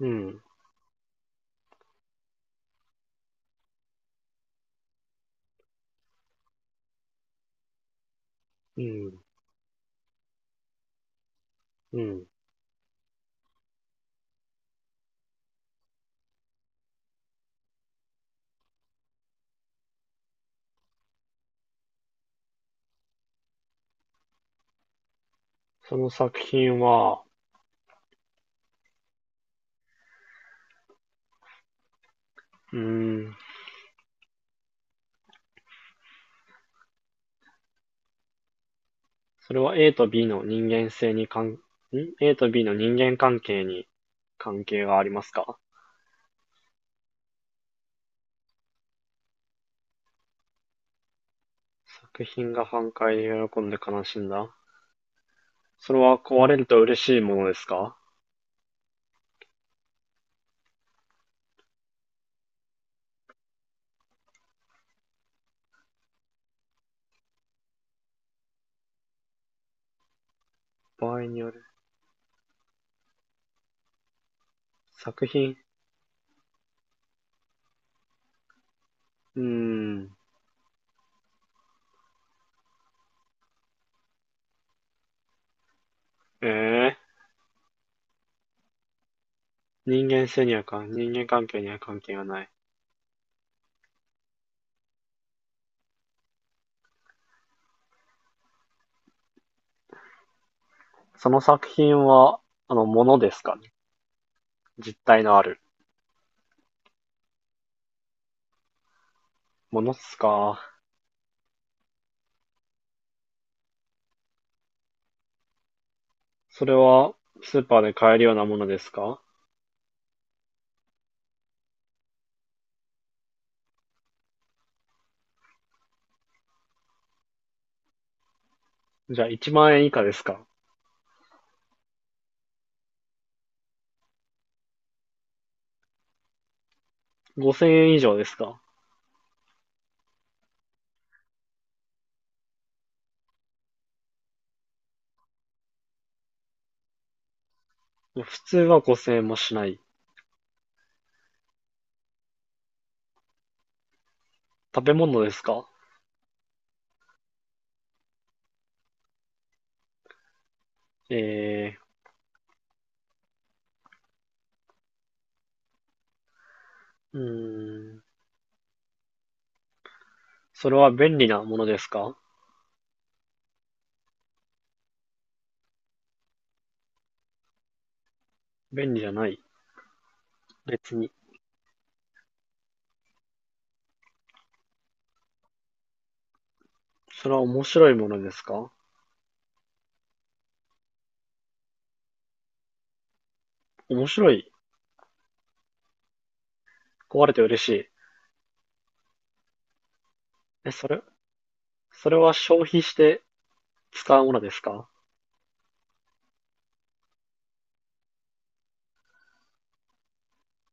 うん、うん、うん。その作品は、うーん、それは A と B の人間性に関、ん ?A と B の人間関係に関係がありますか？作品が反対で喜んで悲しんだ。それは壊れると嬉しいものですか？場合による。作品、うーん、ええ人間関係には関係がない。その作品は、ものですかね、実体のあるものっすか？それはスーパーで買えるようなものですか？じゃあ1万円以下ですか？ 5000 円以上ですか？普通は5000円もしない。食べ物ですか？えー、うーん。それは便利なものですか？便利じゃない。別に。それは面白いものですか？面白い。壊れて嬉しい。え、それ、それは消費して使うものですか？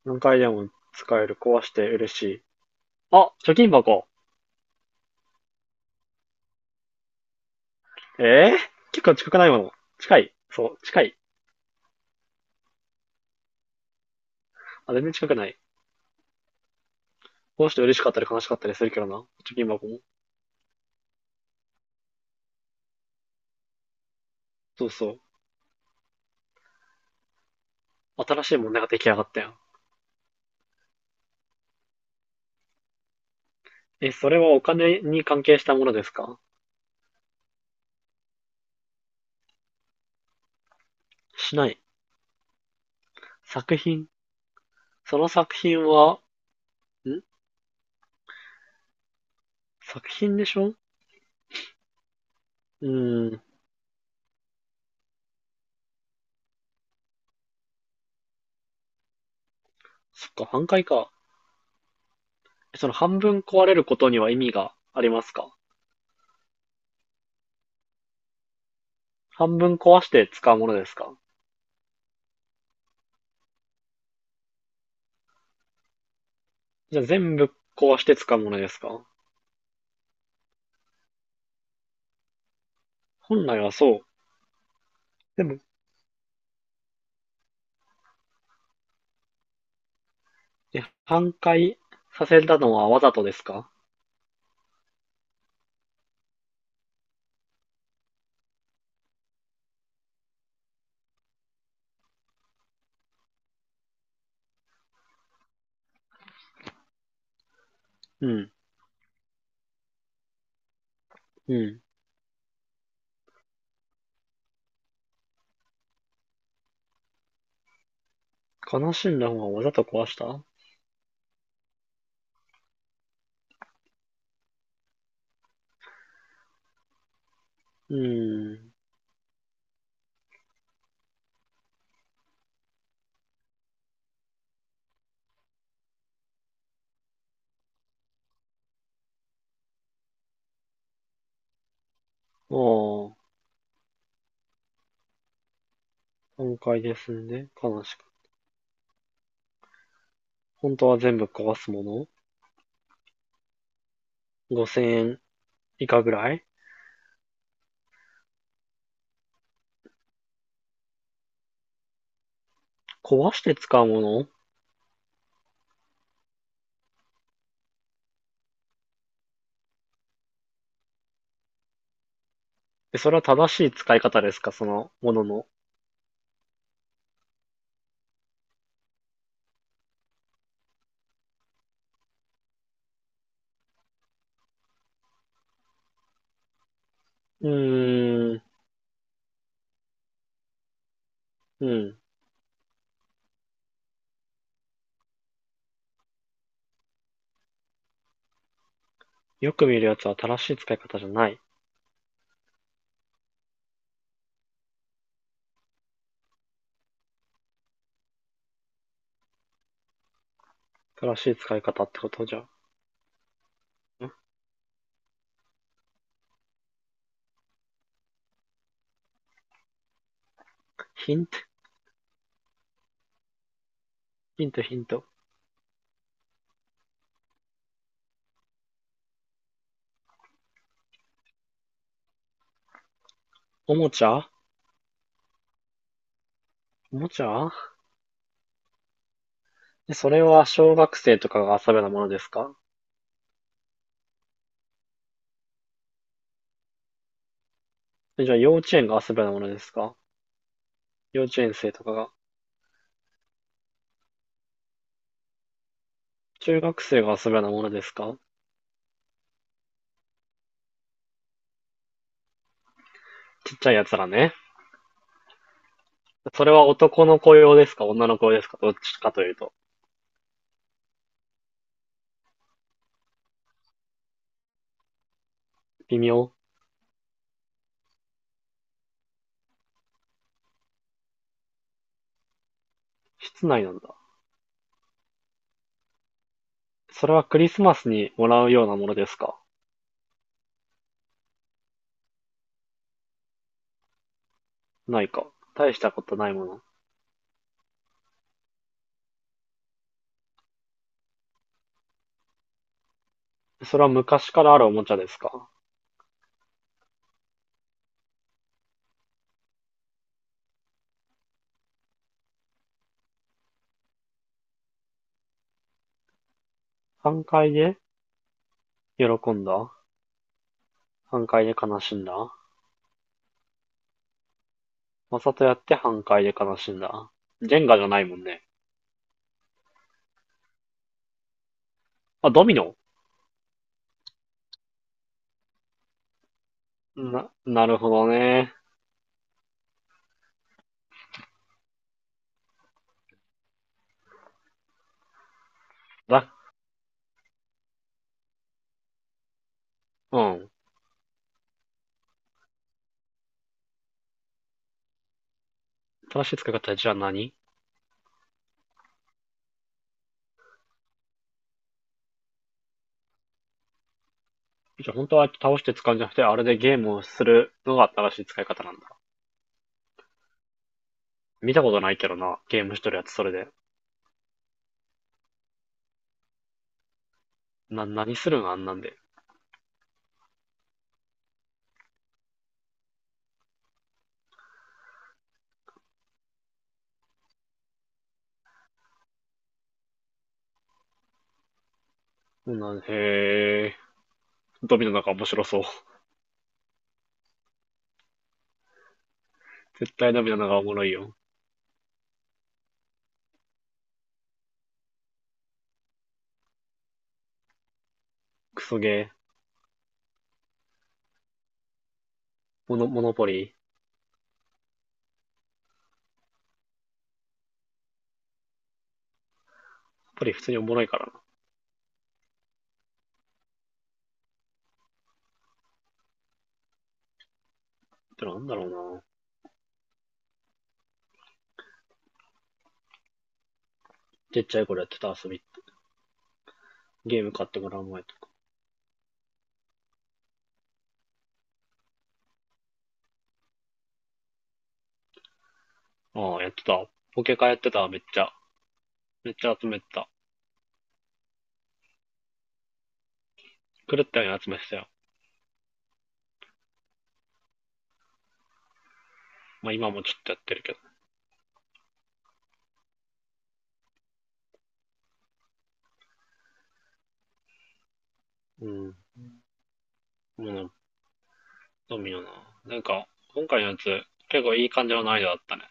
何回でも使える。壊して嬉しい。あ、貯金箱。えー、結構近くないもの。近い。そう、近い。あ、全然近くない。この人嬉しかったり悲しかったりするけどな。貯金箱も。そうそう。新しい問題が出来上がったよ。え、それはお金に関係したものですか？しない。作品。その作品は、ん作品でしょう。ーん。そっか、半壊か。えその半分壊れることには意味がありますか？半分壊して使うものですか？じゃあ全部壊して使うものですか？本来はそう。でも、半壊させたのはわざとですか？うん。うん。悲しんだ方はわざと壊した。うーん。ああ、半壊ですんで、悲しく。本当は全部壊すもの、 5000 円以下ぐらい、壊して使うもの。え、それは正しい使い方ですか、そのものの。うーん、うん。よく見るやつは正しい使い方じゃない。正しい使い方ってことじゃ。ヒント、ヒント、ヒント。おもちゃ。おもちゃ。え、それは小学生とかが遊べなものですか？えじゃあ幼稚園が遊べなものですか？幼稚園生とかが。中学生が遊べなものですか？ちっちゃいやつらね。それは男の子用ですか女の子用ですか、どっちかというと。微妙。室内なんだ。それはクリスマスにもらうようなものですか？ないか。大したことないもの。それは昔からあるおもちゃですか？半壊で喜んだ。半壊で悲しんだ。わざとやって半壊で悲しんだ。ジェンガじゃないもんね。あ、ドミノ。な、なるほどね。だ、うん。正しい使い方じゃあ何？じゃあ本当は倒して使うんじゃなくて、あれでゲームをするのが正しい使い方なんだ。見たことないけどな、ゲーム一人やってそれで。何するんあんなんで。な、へえ。ドミノなんか面白そう。絶対ドミノなんかおもろいよ。クソゲー。モノポリー。ポリー普通におもろいからな。ってなんだろうな。ちっちゃい頃やってた遊び。ゲーム買ってもらう前とか。ああ、やってた。ポケカやってた、めっちゃ。めっちゃ集めてた。狂ったように集めてたよ。まあ今もちょっとやってるけど。うん。もうドミノな。なんか、今回のやつ、結構いい感じの難易度だったね。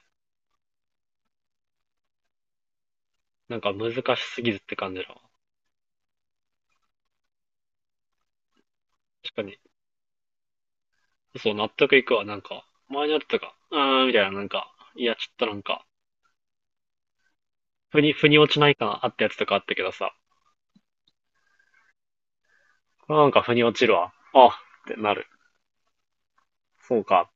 なんか難しすぎずって感じだわ。確かに、そう、納得いくわ。なんか、前のやつとか、あーみたいな、なんか、いや、ちょっとなんか、腑に落ちない感あったやつとかあったけどさ、これはなんか腑に落ちるわ。あってなる。そうか。